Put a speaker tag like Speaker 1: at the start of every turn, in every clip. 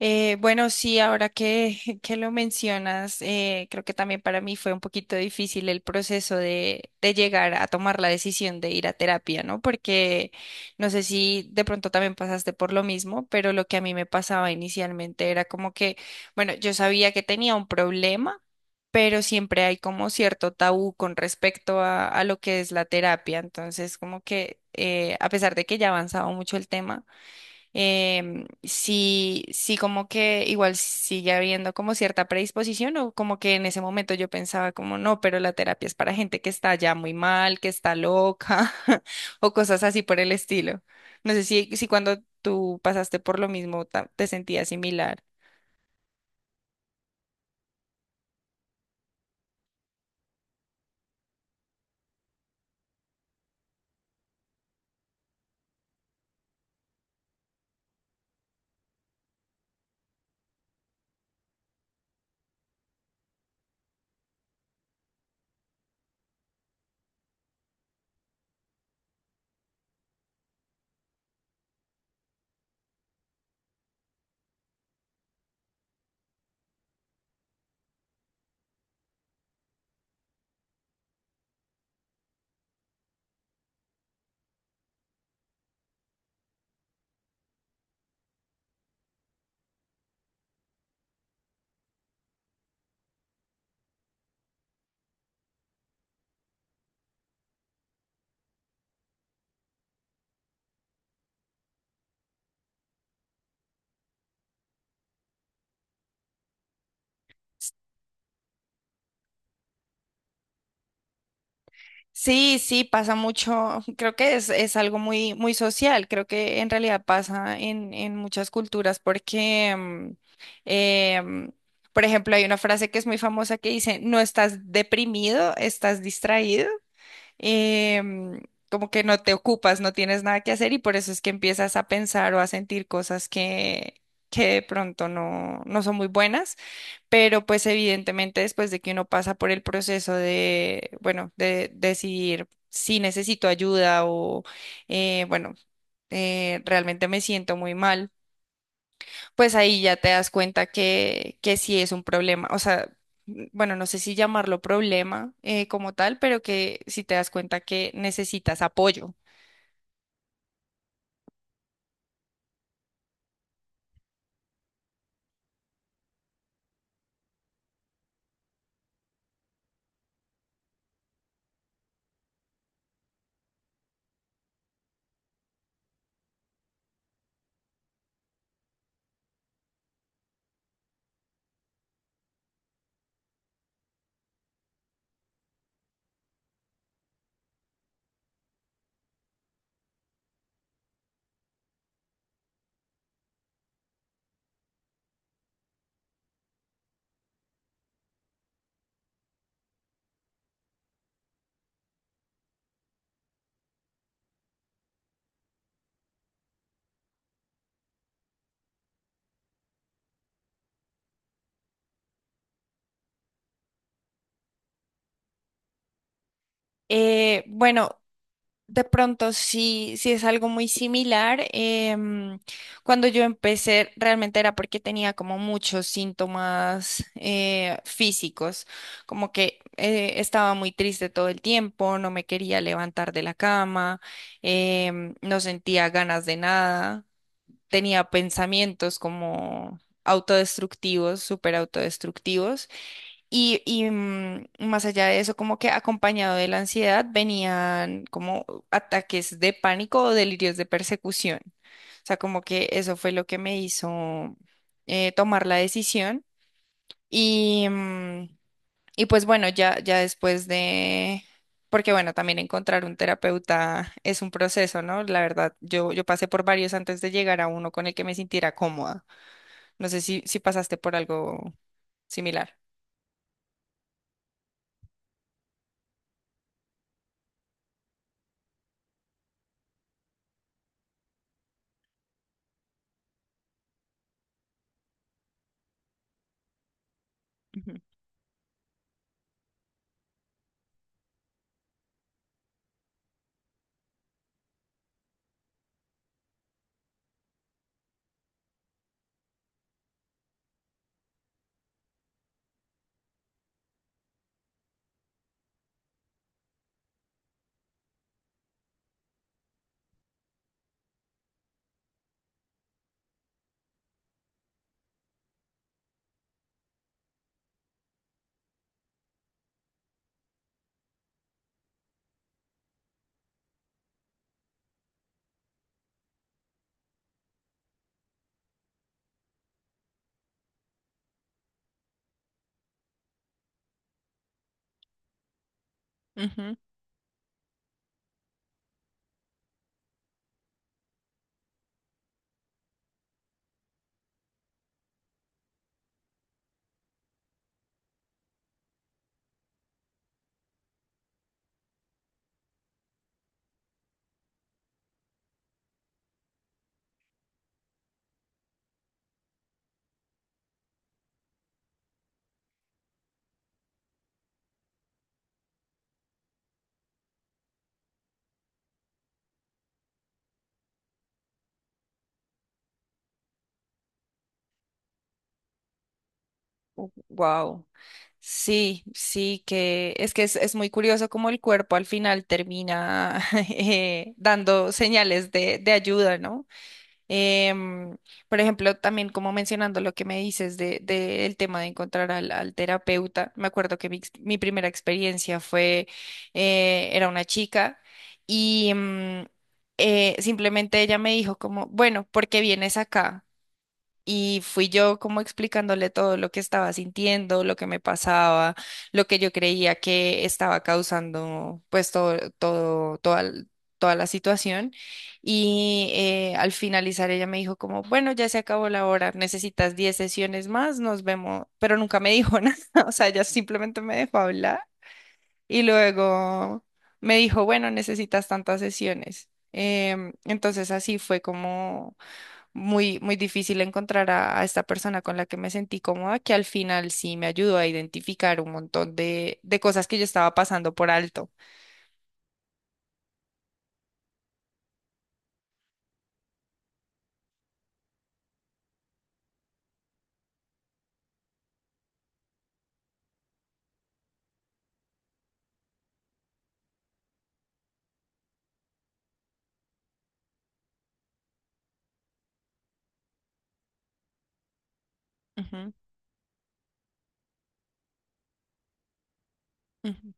Speaker 1: Bueno, sí, ahora que, que lo mencionas, creo que también para mí fue un poquito difícil el proceso de llegar a tomar la decisión de ir a terapia, ¿no? Porque no sé si de pronto también pasaste por lo mismo, pero lo que a mí me pasaba inicialmente era como que, bueno, yo sabía que tenía un problema, pero siempre hay como cierto tabú con respecto a lo que es la terapia. Entonces, como que a pesar de que ya avanzaba mucho el tema, sí, si como que igual sigue habiendo como cierta predisposición o como que en ese momento yo pensaba como no, pero la terapia es para gente que está ya muy mal, que está loca o cosas así por el estilo. No sé si cuando tú pasaste por lo mismo te sentías similar. Sí, sí, pasa mucho. Creo que es algo muy social. Creo que en realidad pasa en muchas culturas porque, em, por ejemplo, hay una frase que es muy famosa que dice, no estás deprimido, estás distraído. Em, como que no te ocupas, no tienes nada que hacer y por eso es que empiezas a pensar o a sentir cosas que de pronto no, no son muy buenas. Pero pues evidentemente después de que uno pasa por el proceso de, bueno, de decidir si necesito ayuda o, eh, bueno, realmente me siento muy mal, pues ahí ya te das cuenta que sí es un problema. O sea, bueno, no sé si llamarlo problema como tal, pero que sí te das cuenta que necesitas apoyo. Eh, bueno, De pronto, sí, sí es algo muy similar. Cuando yo empecé, realmente era porque tenía como muchos síntomas físicos, como que estaba muy triste todo el tiempo, no me quería levantar de la cama, no sentía ganas de nada, tenía pensamientos como autodestructivos, súper autodestructivos. Más allá de eso, como que acompañado de la ansiedad venían como ataques de pánico o delirios de persecución. O sea, como que eso fue lo que me hizo tomar la decisión. Y, mm, y pues bueno, ya después de, porque bueno, también encontrar un terapeuta es un proceso, ¿no? La verdad, yo pasé por varios antes de llegar a uno con el que me sintiera cómoda. No sé si pasaste por algo similar. Ujú. Ujú. Wow. Sí, sí, es muy curioso cómo el cuerpo al final termina dando señales de ayuda, ¿no? Em, por ejemplo, también como mencionando lo que me dices de el tema de encontrar al terapeuta, me acuerdo que mi, mi primera experiencia fue, era una chica y simplemente ella me dijo como, bueno, ¿por qué vienes acá? Y fui yo como explicándole todo lo que estaba sintiendo, lo que me pasaba, lo que yo creía que estaba causando, pues toda, toda la situación. Y al finalizar ella me dijo como, bueno, ya se acabó la hora, necesitas 10 sesiones más, nos vemos. Pero nunca me dijo nada, o sea, ella simplemente me dejó hablar y luego me dijo, bueno, necesitas tantas sesiones. Entonces así fue como muy difícil encontrar a esta persona con la que me sentí cómoda, que al final sí me ayudó a identificar un montón de cosas que yo estaba pasando por alto. Ujú, ujú,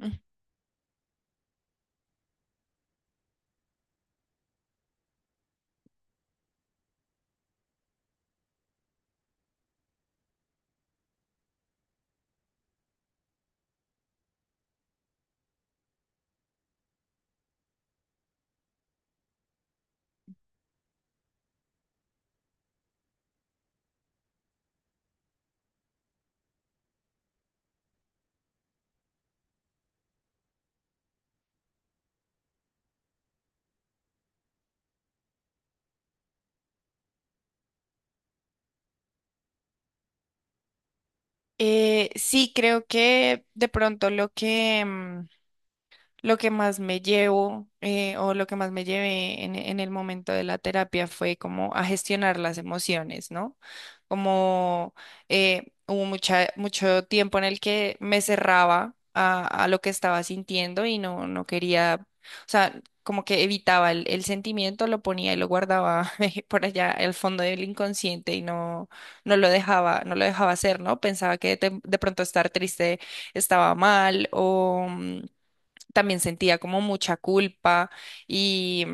Speaker 1: ujú. Sí, creo que de pronto lo que más me llevo o lo que más me llevé en el momento de la terapia fue como a gestionar las emociones, ¿no? Como mucho tiempo en el que me cerraba a lo que estaba sintiendo y no, no quería, o sea, como que evitaba el sentimiento, lo ponía y lo guardaba por allá al fondo del inconsciente y no, no lo dejaba hacer, ¿no? Pensaba que de pronto estar triste estaba mal o... también sentía como mucha culpa y,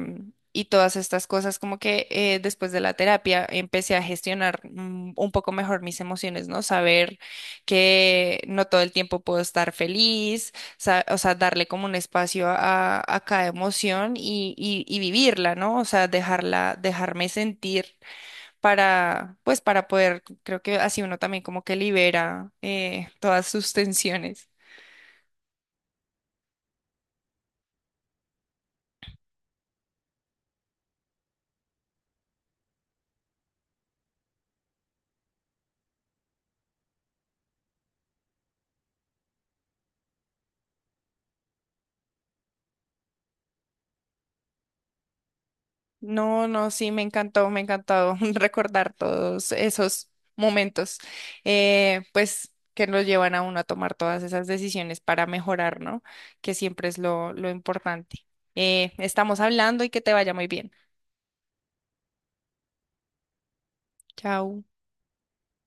Speaker 1: y todas estas cosas, como que después de la terapia empecé a gestionar un poco mejor mis emociones, ¿no? Saber que no todo el tiempo puedo estar feliz, o sea, darle como un espacio a cada emoción y vivirla, ¿no? O sea, dejarla, dejarme sentir para, pues, para poder, creo que así uno también como que libera todas sus tensiones. No, no, sí, me encantó recordar todos esos momentos, pues que nos llevan a uno a tomar todas esas decisiones para mejorar, ¿no? Que siempre es lo importante. Estamos hablando y que te vaya muy bien. Chao.